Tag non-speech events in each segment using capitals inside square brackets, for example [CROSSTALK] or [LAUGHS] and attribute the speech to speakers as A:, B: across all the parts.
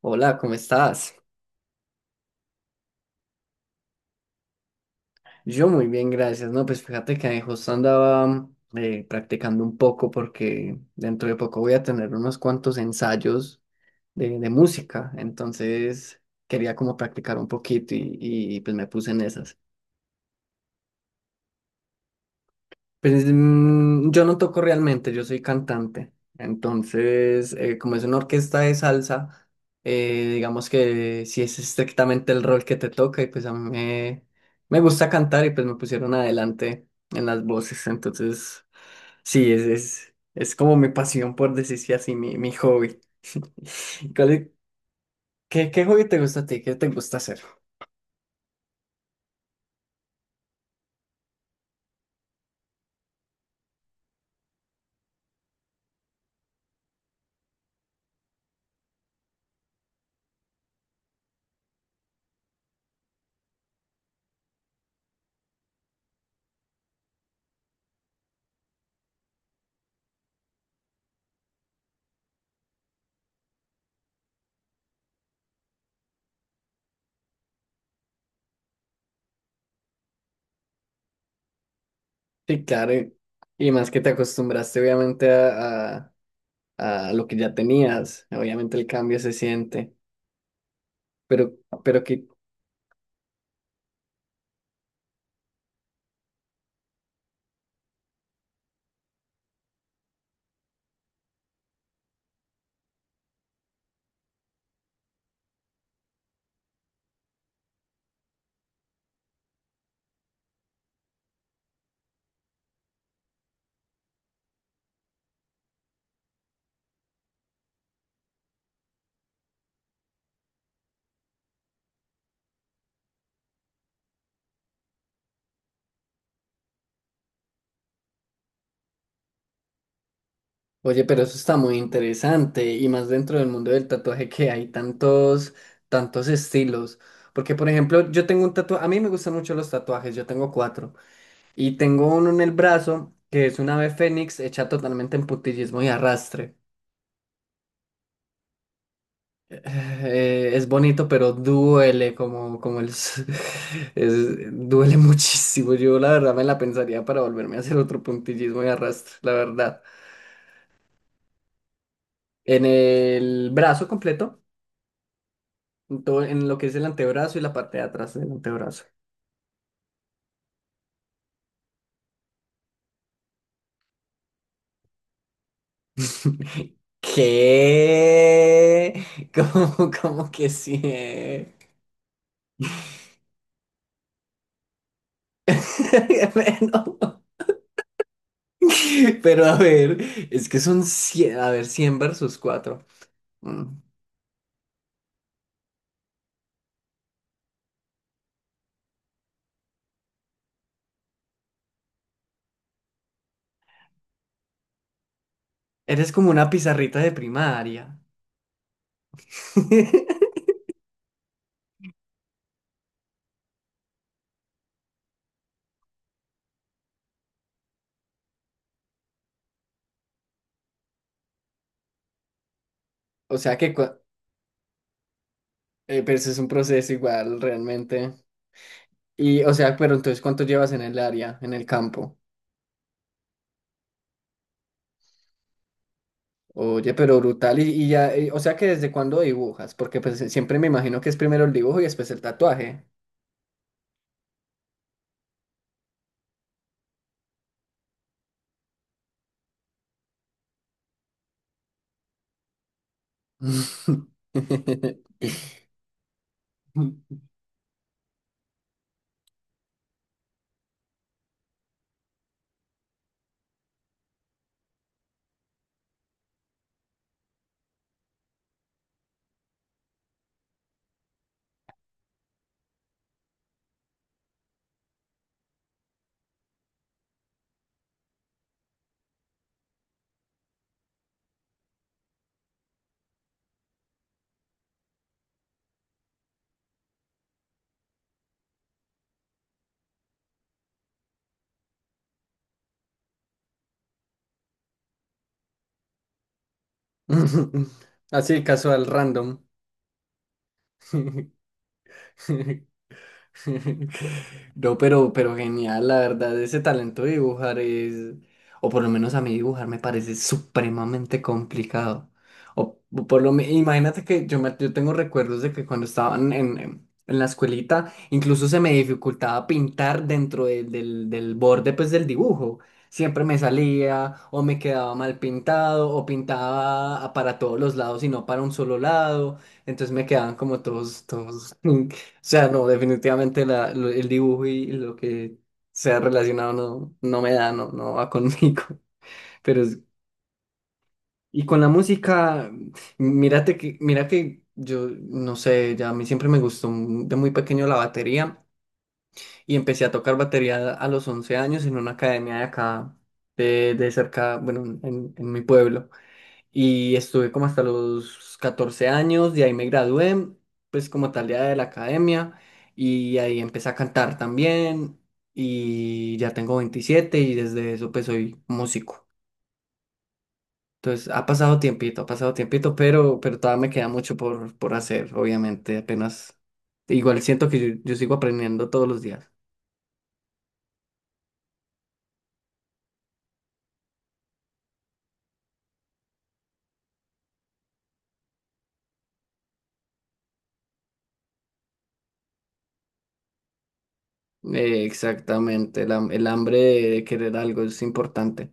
A: Hola, ¿cómo estás? Yo muy bien, gracias. No, pues fíjate que justo andaba practicando un poco porque dentro de poco voy a tener unos cuantos ensayos de música, entonces quería como practicar un poquito y pues me puse en esas. Pues yo no toco realmente, yo soy cantante. Entonces, como es una orquesta de salsa, digamos que si es estrictamente el rol que te toca, y pues a mí me gusta cantar y pues me pusieron adelante en las voces. Entonces, sí, es como mi pasión, por decirse así, mi hobby. [LAUGHS] ¿Cuál es- qué hobby te gusta a ti? ¿Qué te gusta hacer? Sí, claro, y más que te acostumbraste obviamente a lo que ya tenías. Obviamente el cambio se siente, pero, pero que, oye, pero eso está muy interesante y más dentro del mundo del tatuaje que hay tantos, tantos estilos. Porque, por ejemplo, yo tengo un tatuaje, a mí me gustan mucho los tatuajes, yo tengo cuatro y tengo uno en el brazo que es una ave fénix hecha totalmente en puntillismo y arrastre. Es bonito, pero duele como [LAUGHS] duele muchísimo. Yo la verdad me la pensaría para volverme a hacer otro puntillismo y arrastre, la verdad. En el brazo completo, en todo, en lo que es el antebrazo y la parte de atrás del antebrazo. [LAUGHS] ¿Qué? ¿Cómo que sí? [LAUGHS] Bueno, [LAUGHS] pero a ver, es que son 100 a ver, 100 versus cuatro. Mm. Eres como una pizarrita de primaria. [LAUGHS] O sea que, cua- pero eso es un proceso igual realmente. Y, o sea, pero entonces, ¿cuánto llevas en el área, en el campo? Oye, pero brutal. Y ya, o sea que ¿desde cuándo dibujas? Porque pues siempre me imagino que es primero el dibujo y después el tatuaje. [LAUGHS] Así, casual, random. [LAUGHS] [LAUGHS] No, pero genial, la verdad, ese talento de dibujar es, o por lo menos a mí dibujar me parece supremamente complicado. O, imagínate que yo tengo recuerdos de que cuando estaba en la escuelita, incluso se me dificultaba pintar dentro del borde pues del dibujo. Siempre me salía o me quedaba mal pintado o pintaba para todos los lados y no para un solo lado. Entonces me quedaban como todos, todos. [LAUGHS] sea, no, definitivamente el dibujo y lo que sea relacionado no, no me da, no, no va conmigo. [LAUGHS] Pero, y con la música, mira que yo, no sé, ya a mí siempre me gustó de muy pequeño la batería y empecé a tocar batería a los 11 años en una academia de acá, de cerca, bueno, en mi pueblo. Y estuve como hasta los 14 años, de ahí me gradué, pues como tal ya de la academia, y ahí empecé a cantar también, y ya tengo 27 y desde eso pues soy músico. Entonces ha pasado tiempito, pero todavía me queda mucho por hacer, obviamente, apenas. Igual siento que yo sigo aprendiendo todos los días. Exactamente, el hambre de querer algo es importante.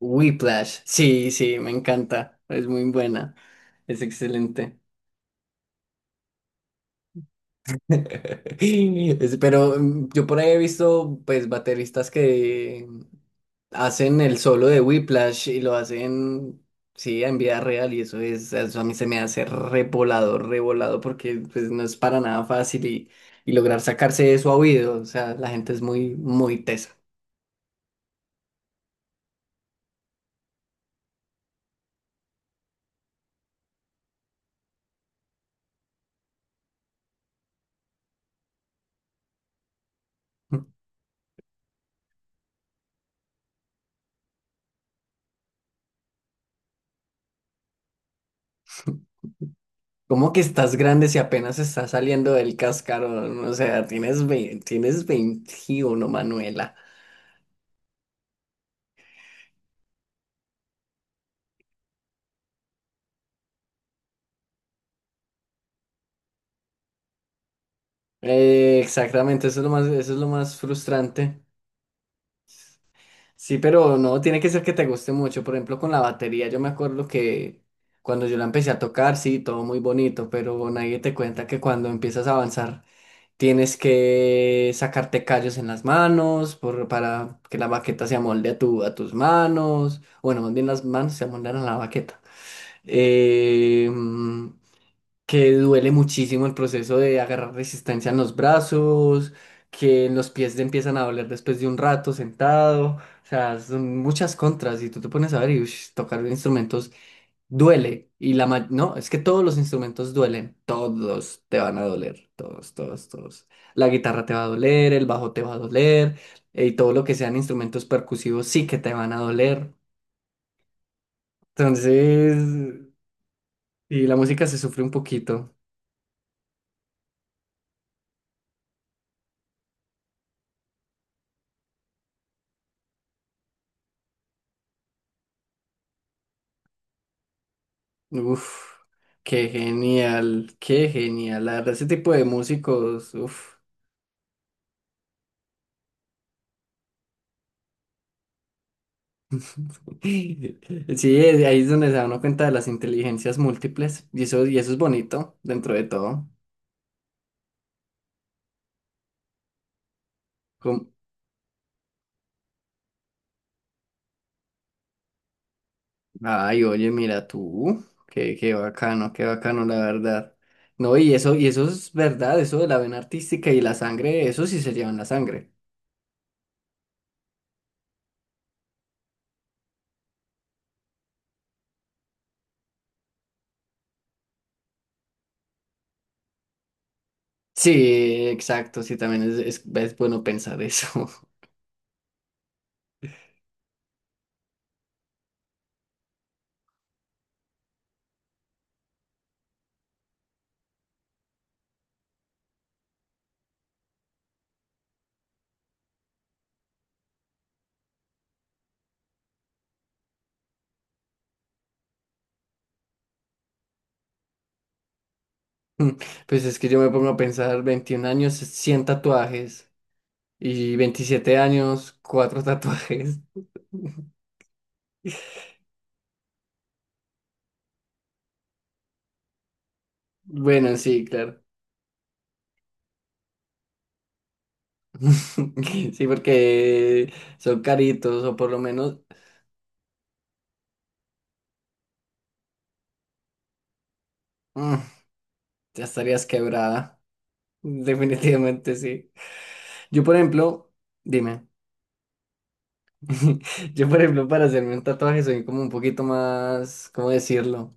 A: Whiplash, sí, sí, me encanta, es muy buena, es excelente. [LAUGHS] Pero yo por ahí he visto pues bateristas que hacen el solo de Whiplash y lo hacen sí en vida real y eso es eso a mí se me hace revolado, revolado porque pues no es para nada fácil y lograr sacarse eso a oído, o sea, la gente es muy muy tesa. [LAUGHS] ¿Cómo que estás grande si apenas estás saliendo del cascarón? O sea, tienes 21 Manuela. Exactamente, eso es lo más, eso es lo más frustrante. Sí, pero no, tiene que ser que te guste mucho. Por ejemplo, con la batería, yo me acuerdo que cuando yo la empecé a tocar, sí, todo muy bonito, pero nadie te cuenta que cuando empiezas a avanzar, tienes que sacarte callos en las manos para que la baqueta se amolde a tus manos. Bueno, más bien las manos se amoldan a la baqueta. eh, mm, que duele muchísimo el proceso de agarrar resistencia en los brazos, que en los pies te empiezan a doler después de un rato sentado, o sea, son muchas contras y tú te pones a ver y ush, tocar instrumentos duele y no, es que todos los instrumentos duelen, todos te van a doler, todos, todos, todos. La guitarra te va a doler, el bajo te va a doler y todo lo que sean instrumentos percusivos sí que te van a doler. Entonces, y la música se sufre un poquito. Uf, qué genial, qué genial. La verdad, ese tipo de músicos, uf. [LAUGHS] Sí, ahí es donde se da uno cuenta de las inteligencias múltiples. Y eso es bonito dentro de todo. Como- Ay, oye, mira tú. Qué bacano, qué bacano, la verdad. No, y eso es verdad, eso de la vena artística y la sangre, eso sí se lleva en la sangre. Sí, exacto, sí, también es, es bueno pensar eso. [LAUGHS] Mm, pues es que yo me pongo a pensar, 21 años, 100 tatuajes y 27 años, 4 tatuajes. [LAUGHS] Bueno, sí, claro. [LAUGHS] Sí, porque son caritos o por lo menos mm, ya estarías quebrada. Definitivamente sí. Yo, por ejemplo, dime. [LAUGHS] Yo, por ejemplo, para hacerme un tatuaje soy como un poquito más, ¿cómo decirlo?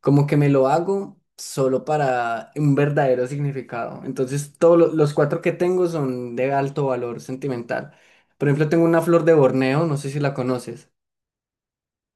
A: Como que me lo hago solo para un verdadero significado. Entonces, todos los cuatro que tengo son de alto valor sentimental. Por ejemplo, tengo una flor de Borneo, no sé si la conoces.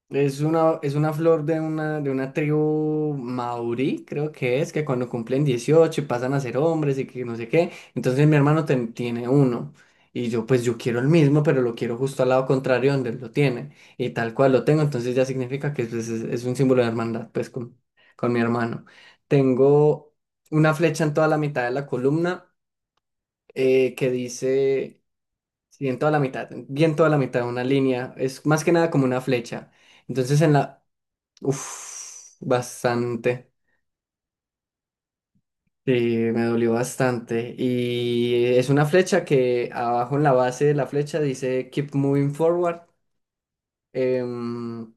A: Es una flor de una tribu maurí, creo que es, que cuando cumplen 18 y pasan a ser hombres y que no sé qué. Entonces mi hermano tiene uno. Y yo, pues yo quiero el mismo, pero lo quiero justo al lado contrario donde él lo tiene. Y tal cual lo tengo, entonces ya significa que pues, es un símbolo de hermandad, pues con mi hermano. Tengo una flecha en toda la mitad de la columna que dice, sí, en toda la mitad, bien toda la mitad, una línea. Es más que nada como una flecha. Entonces en la, Uf, bastante. Sí, me dolió bastante. Y es una flecha que abajo en la base de la flecha dice Keep Moving Forward. Em,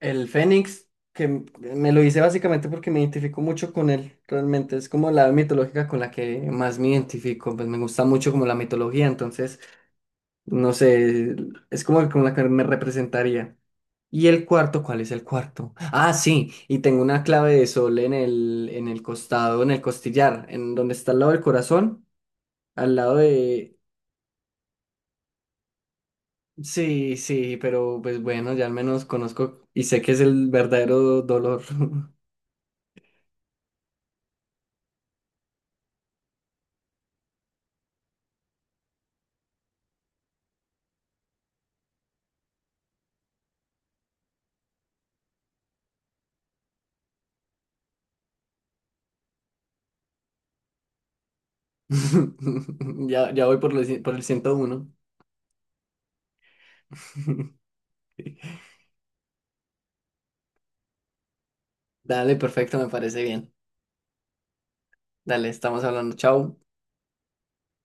A: el Fénix, que me lo hice básicamente porque me identifico mucho con él. Realmente es como la mitológica con la que más me identifico. Pues me gusta mucho como la mitología. Entonces, no sé, es como con la que me representaría. ¿Y el cuarto? ¿Cuál es el cuarto? Ah, sí, y tengo una clave de sol en el costado, en el costillar, en donde está al lado del corazón, al lado de... Sí, sí, pero pues bueno, ya al menos conozco y sé que es el verdadero dolor. [LAUGHS] Ya, ya voy por el 101. [LAUGHS] Dale, perfecto, me parece bien. Dale, estamos hablando. Chao.